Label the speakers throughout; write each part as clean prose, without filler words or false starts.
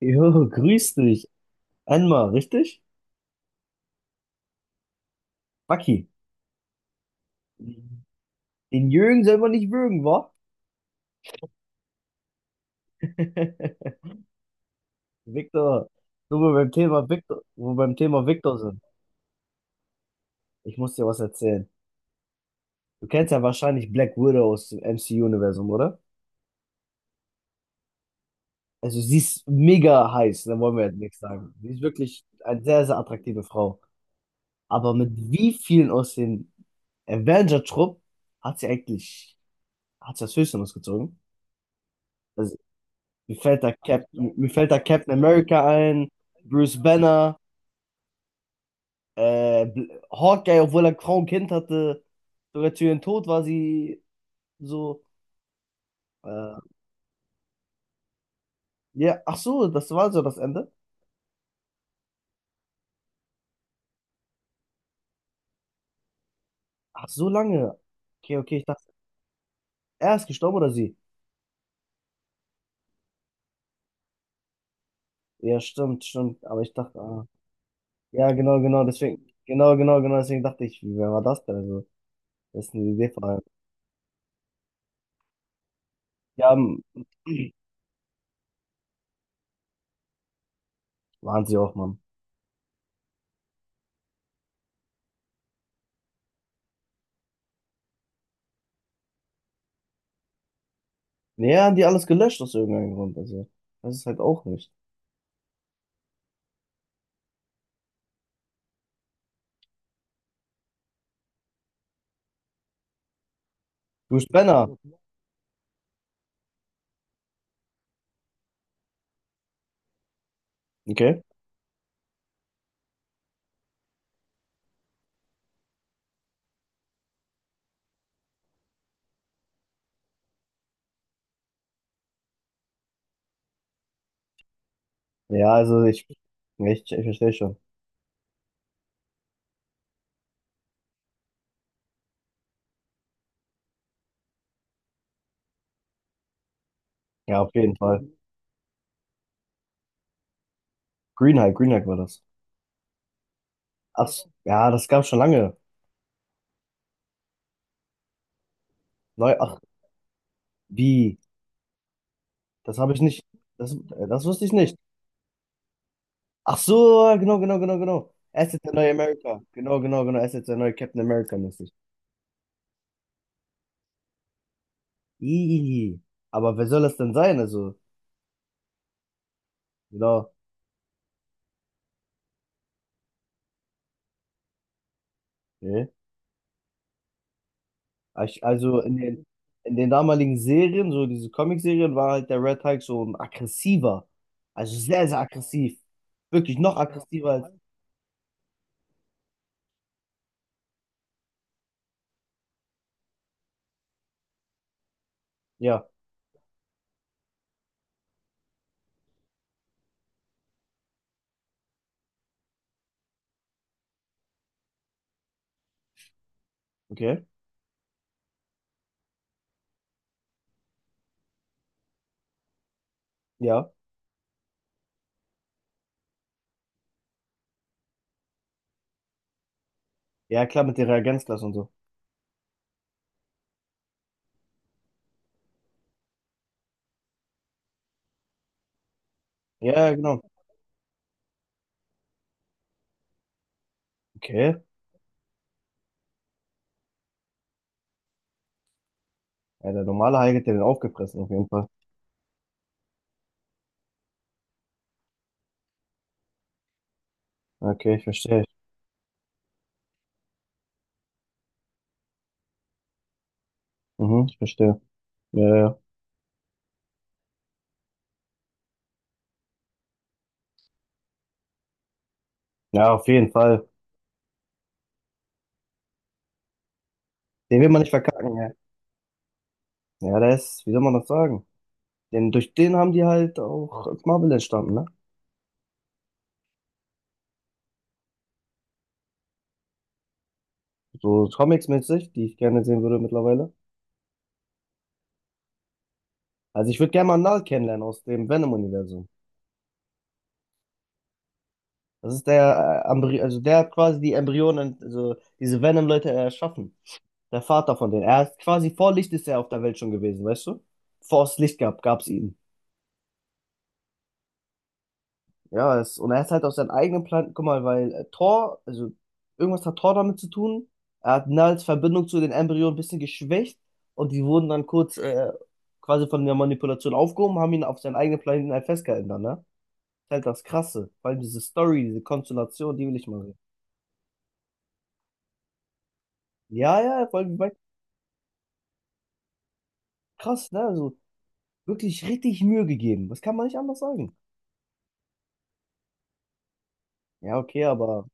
Speaker 1: Jo, grüß dich. Einmal, richtig? Bucky. Den Jürgen soll man nicht würgen, wa? Victor, wo wir beim Thema Victor, wo wir beim Thema Victor sind. Ich muss dir was erzählen. Du kennst ja wahrscheinlich Black Widow aus dem MCU-Universum, oder? Also sie ist mega heiß, da wollen wir jetzt nichts sagen. Sie ist wirklich eine sehr, sehr attraktive Frau. Aber mit wie vielen aus dem Avenger-Trupp hat sie eigentlich, hat sie das Höschen ausgezogen? Also mir fällt da Captain, mir fällt da Captain America ein, Bruce Banner, Hawkeye, obwohl er kaum Kind hatte. Sogar zu ihrem Tod war sie so. Äh, ja, ach so, das war so das Ende. Ach, so lange. Okay, okay, ich dachte, er ist gestorben oder sie? Ja, stimmt, stimmt. Aber ich dachte, ah, ja, genau, genau, deswegen, genau, genau, genau, deswegen dachte ich, wer war das denn? Also, das ist eine Idee von einem. Ja, m- waren sie auch, Mann. Ja, haben die alles gelöscht aus irgendeinem Grund. Also, das ist halt auch nicht. Du Spinner. Okay. Ja, also ich, ich verstehe schon. Ja, auf jeden Fall. Green Hike, Green Hike war das. Ach, s- ja, das gab's schon lange. Neu, ach, wie? Das habe ich nicht. Das, das wusste ich nicht. Ach so, genau, genau, genau, genau. Er ist jetzt der neue America. Genau, genau, genau. Er ist jetzt der neue Captain America mäßig. Ih, aber wer soll das denn sein? Also, genau. Nee. Ah, ich, also in den damaligen Serien, so diese Comic-Serien, war halt der Red Hulk so ein aggressiver. Also sehr, sehr aggressiv. Wirklich noch aggressiver als. Ja, okay. Ja. Ja, klar, mit der Reagenzglas und so. Ja, ja, genau. Okay. Ja, der normale Hulk hat den aufgefressen, auf jeden Fall. Okay, ich verstehe. Mhm, ich verstehe. Ja, ja. Ja, auf jeden Fall. Den will man nicht verkacken, ja. Ja, das ist, wie soll man das sagen? Denn durch den haben die halt auch Marvel entstanden, ne? So Comics-mäßig, die ich gerne sehen würde mittlerweile. Also ich würde gerne mal Null kennenlernen aus dem Venom-Universum. Das ist der, Embry, also der hat quasi die Embryonen, also diese Venom-Leute erschaffen. Der Vater von denen. Er ist quasi vor Licht ist er auf der Welt schon gewesen, weißt du? Vor es Licht gab, gab es ihn. Ja, es, und er ist halt aus seinem eigenen Planeten, guck mal, weil Thor, also irgendwas hat Thor damit zu tun. Er hat Nulls Verbindung zu den Embryonen ein bisschen geschwächt und die wurden dann kurz quasi von der Manipulation aufgehoben, haben ihn auf seinen eigenen Planeten halt festgehalten dann, ne? Halt das Krasse. Vor allem diese Story, diese Konstellation, die will ich mal sehen. Ja, ja, vor allem, weil- krass, ne? Also wirklich richtig Mühe gegeben. Das kann man nicht anders sagen. Ja, okay, aber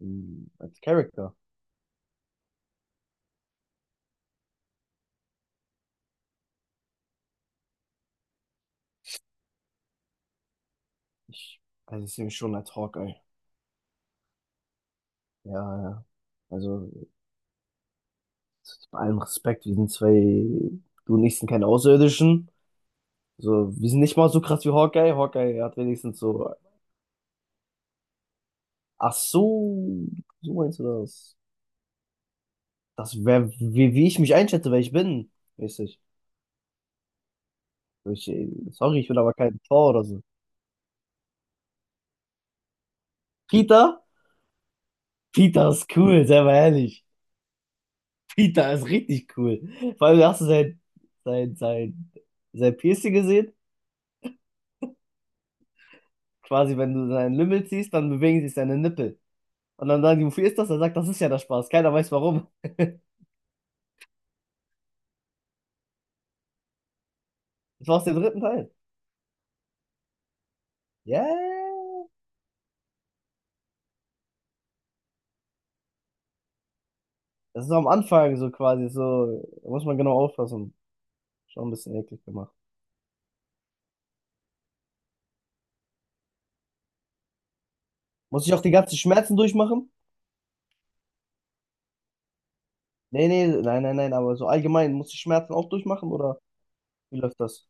Speaker 1: mh, als Charakter. Ich, also ich sehe mich schon als Hawkeye. Ja, ja. Also bei allem Respekt, wir sind zwei, du und ich sind keine Außerirdischen. So, wir sind nicht mal so krass wie Hawkeye. Hawkeye hat wenigstens so, ach so, so meinst du das? Das wäre, wie, wie ich mich einschätze, wer ich bin. Mäßig. Ich, sorry, ich will aber kein Tor oder so. Peter? Peter ist cool, sei mal ehrlich. Peter ist richtig cool. Vor allem hast du sein, sein, sein, sein Piercing gesehen. Quasi, wenn du seinen Lümmel ziehst, dann bewegen sich seine Nippel. Und dann sagen die, wofür ist das? Er sagt, das ist ja der Spaß. Keiner weiß warum. Das war aus dem dritten Teil. Ja. Yeah. Das ist so am Anfang so quasi so. Da muss man genau aufpassen. Schon ein bisschen eklig gemacht. Muss ich auch die ganzen Schmerzen durchmachen? Nee, nee, nein, nein, nein, aber so allgemein, muss ich Schmerzen auch durchmachen oder wie läuft das?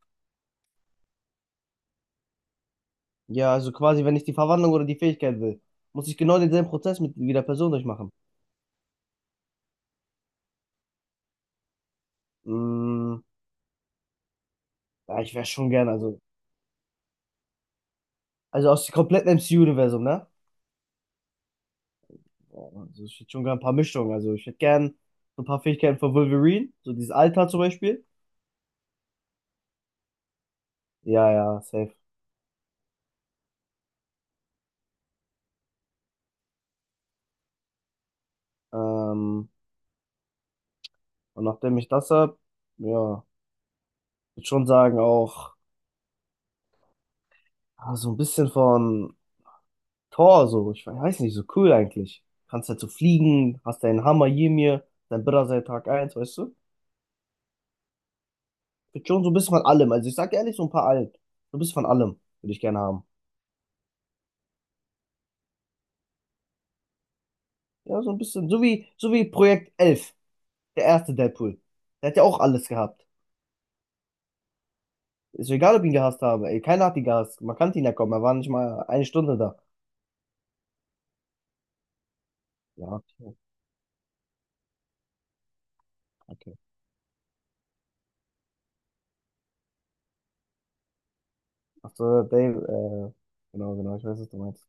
Speaker 1: Ja, also quasi, wenn ich die Verwandlung oder die Fähigkeit will, muss ich genau denselben Prozess mit wie der Person durchmachen. Mm, ja, ich wäre schon gern, also aus dem kompletten MCU-Universum, ne? Ja, also ich hätte schon gern ein paar Mischungen. Also ich hätte gern so ein paar Fähigkeiten von Wolverine, so dieses Alter zum Beispiel. Ja, ja, safe. Ähm, und nachdem ich das hab, ja, würde schon sagen, auch ah, so ein bisschen von Thor, so, ich weiß nicht, so cool eigentlich. Kannst halt so fliegen, hast deinen Hammer Ymir, dein Bruder seit Tag 1, weißt du? Big John, so ein bisschen von allem. Also ich sag ehrlich, so ein paar alt. So ein bisschen von allem würde ich gerne haben. Ja, so ein bisschen. So wie Projekt Elf, der erste Deadpool. Der hat ja auch alles gehabt. Ist mir egal, ob ich ihn gehasst habe. Ey, keiner hat ihn gehasst. Man kannte ihn ja kommen. Er war nicht mal 1 Stunde da. Ja, okay. Okay. Ach so, Dave, genau, genau, ich weiß, was du meinst.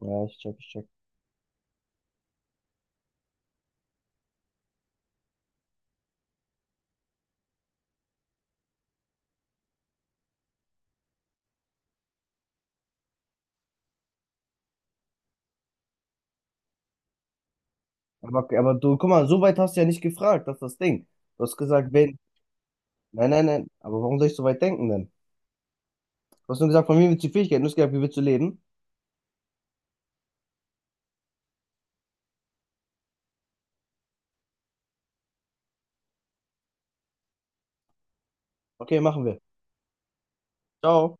Speaker 1: Ja, ich check, ich check. Aber du, guck mal, so weit hast du ja nicht gefragt, das ist das Ding. Du hast gesagt, wen? Nein, nein, nein. Aber warum soll ich so weit denken denn? Du hast nur gesagt, von mir willst du die Fähigkeiten. Du hast gesagt, wie willst du leben? Okay, machen wir. Ciao.